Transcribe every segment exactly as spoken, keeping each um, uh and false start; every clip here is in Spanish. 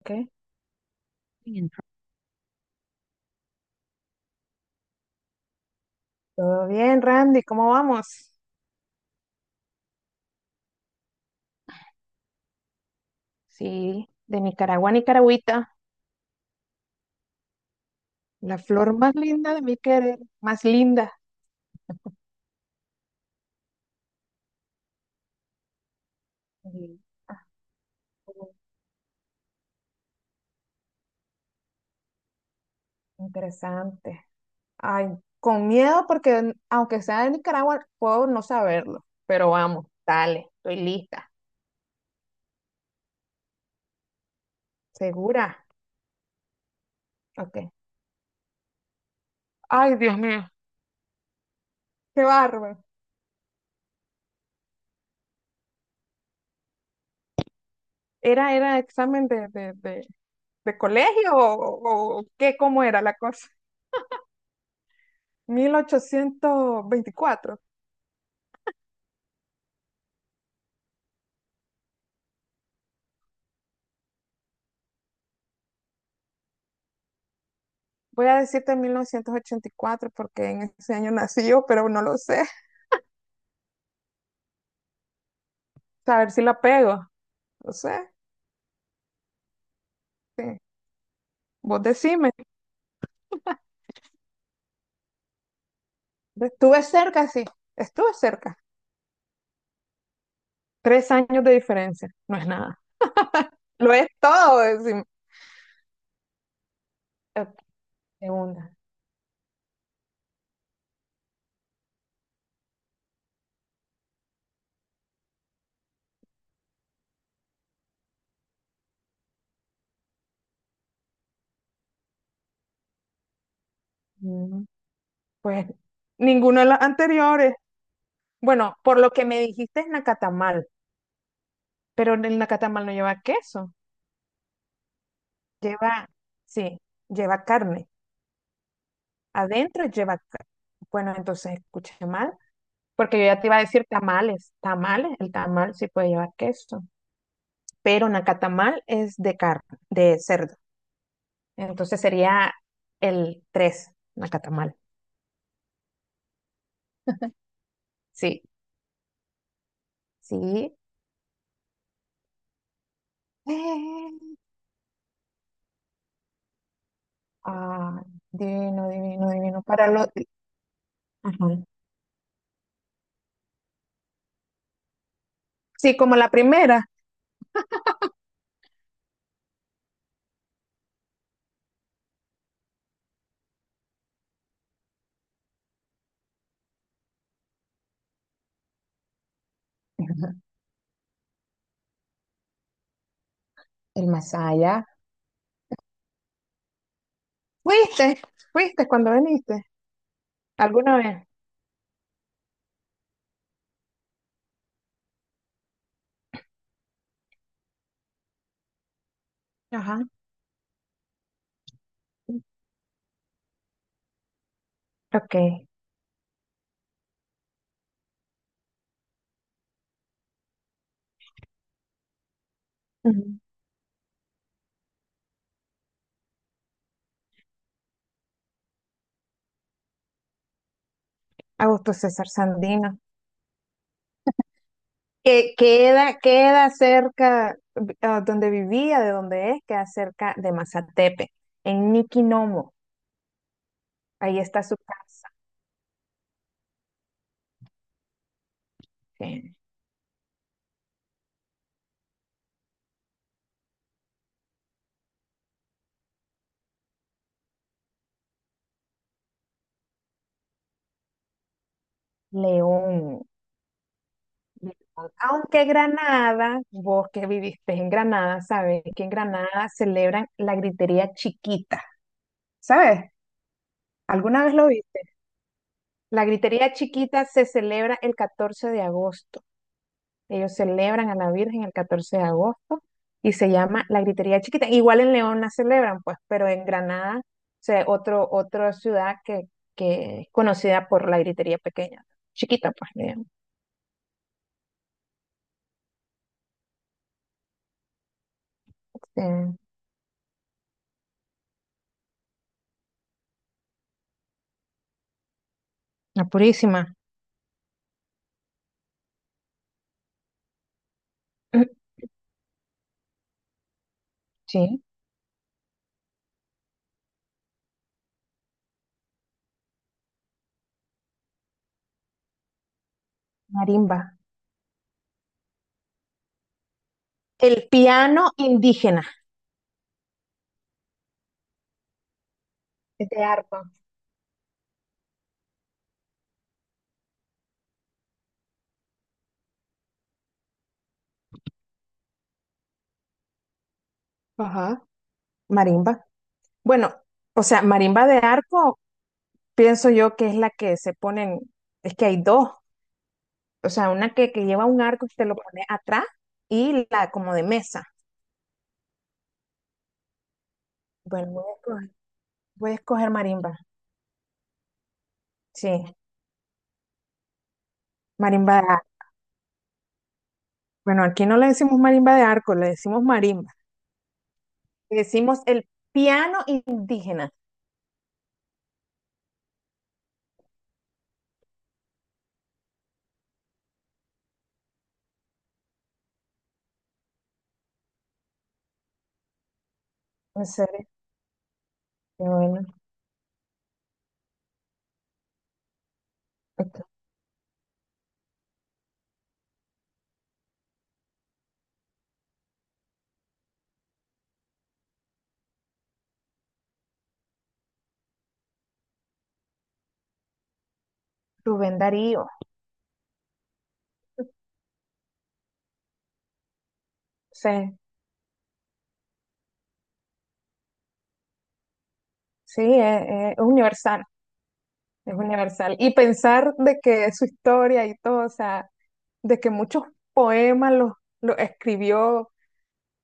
Ok. Bien. Todo bien, Randy, ¿cómo vamos? Sí, de Nicaragua a Nicaragüita, la flor más linda de mi querer, más linda. Sí. Ah, bueno. Interesante. Ay, con miedo porque aunque sea de Nicaragua, puedo no saberlo, pero vamos, dale, estoy lista. ¿Segura? Ok. Ay, Dios mío, qué bárbaro. ¿Era, era examen de, de, de, de, colegio o, o o qué, ¿cómo era la cosa? Mil ochocientos veinticuatro. Voy a decirte mil novecientos ochenta y cuatro porque en ese año nací yo, pero no lo sé. A ver si la pego. No sé. Sí. Vos decime. Estuve cerca, sí. Estuve cerca. Tres años de diferencia. No es nada. Lo es todo, decime. Ok, segunda. Mm, Pues ninguna de las anteriores. Bueno, por lo que me dijiste es nacatamal, pero el nacatamal no lleva queso. Lleva, sí, lleva carne. Adentro lleva carne. Bueno, entonces escuché mal. Porque yo ya te iba a decir tamales, tamales, el tamal sí puede llevar queso, pero nacatamal es de carne, de cerdo. Entonces sería el tres nacatamal. Sí, sí. Eh, ah, divino, divino, divino. Para los... Ajá. Sí, como la primera, el Masaya. ¿Fuiste? ¿Fuiste cuando viniste? ¿Alguna vez? Ajá. Ok. Ujú. Augusto César Sandino. Que queda, queda cerca, ah, donde vivía, de donde es, queda cerca de Mazatepe, en Niquinomo. Ahí está su casa, en León. León. Aunque Granada, vos que viviste en Granada, sabes que en Granada celebran la gritería chiquita, ¿sabes? ¿Alguna vez lo viste? La gritería chiquita se celebra el catorce de agosto. Ellos celebran a la Virgen el catorce de agosto y se llama la Gritería Chiquita. Igual en León la celebran, pues, pero en Granada, o sea, otro, otra ciudad que, que es conocida por la Gritería Pequeña, chiquita, pues, digamos, eh, la Purísima. Sí, marimba. El piano indígena. Es de arpa. Ajá. Marimba. Bueno, o sea, marimba de arco, pienso yo que es la que se ponen, es que hay dos. O sea, una que, que lleva un arco y te lo pone atrás y la como de mesa. Bueno, voy a escoger, voy a escoger marimba. Sí, marimba de arco. Bueno, aquí no le decimos marimba de arco, le decimos marimba. Le decimos el piano indígena. En serio, qué bueno. Ok. Rubén Darío. Sí, sí, es, es universal, es universal. Y pensar de que su historia y todo, o sea, de que muchos poemas los, los escribió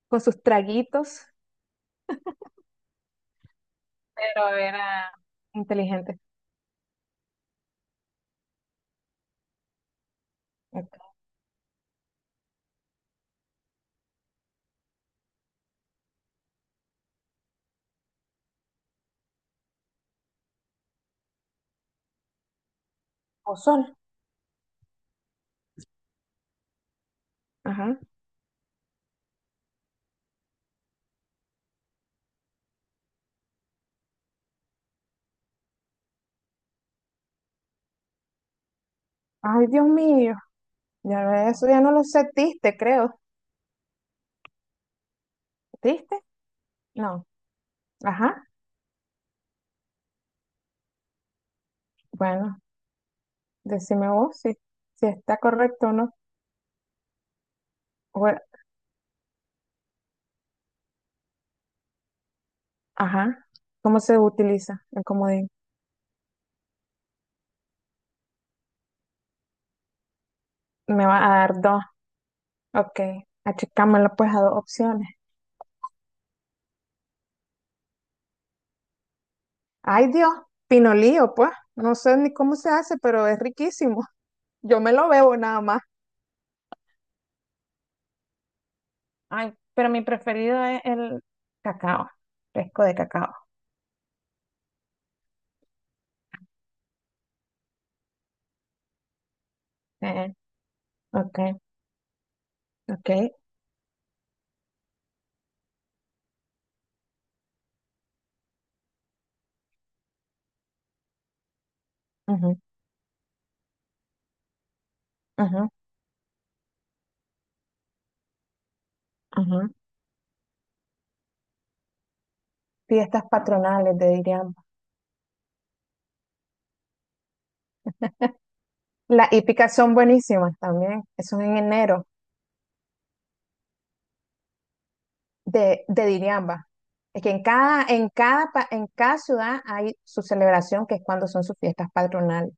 con sus traguitos, pero era inteligente. Ok. O sol. Ajá. Ay, Dios mío. Ya no- Eso ya no lo sé. Tiste, creo. ¿Tiste? No. Ajá. Bueno, decime vos si, si está correcto o no. Bueno, ajá. ¿Cómo se utiliza el comodín? Me va a dar dos. Ok. Achicámelo pues a dos opciones. Ay, Dios. Pinolío, pues. No sé ni cómo se hace, pero es riquísimo. Yo me lo bebo nada más. Ay, pero mi preferido es el cacao, fresco de cacao. Eh, ok, ok. Ujú, ujú, ujú. Fiestas patronales de Diriamba. Las hípicas son buenísimas también. Son en enero de, de Diriamba. Es que en cada, en cada, pa- en cada ciudad hay su celebración, que es cuando son sus fiestas patronales.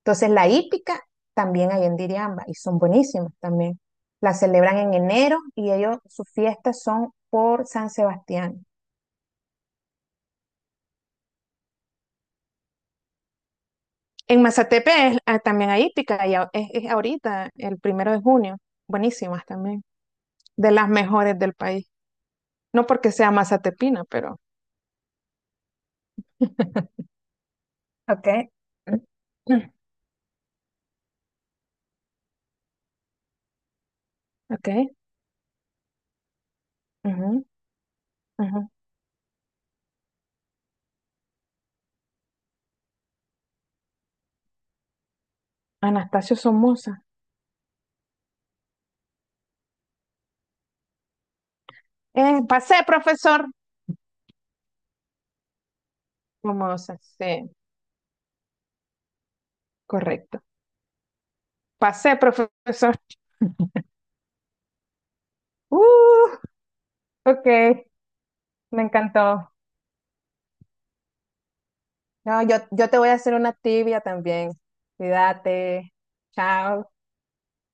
Entonces, la hípica también hay en Diriamba y son buenísimas también. La celebran en enero y ellos, sus fiestas son por San Sebastián. En Mazatepe es- ah, también hay hípica y a- es, es ahorita, el primero de junio. Buenísimas también, de las mejores del país. No porque sea mazatepina, pero... Okay. Mm, ok. Ujú, ujú. Anastasio Somoza. Eh, pasé, profesor. Somoza, sí, correcto. Pasé, profesor. Uh, ok, me encantó. No, yo, yo te voy a hacer una tibia también. Cuídate. Chao.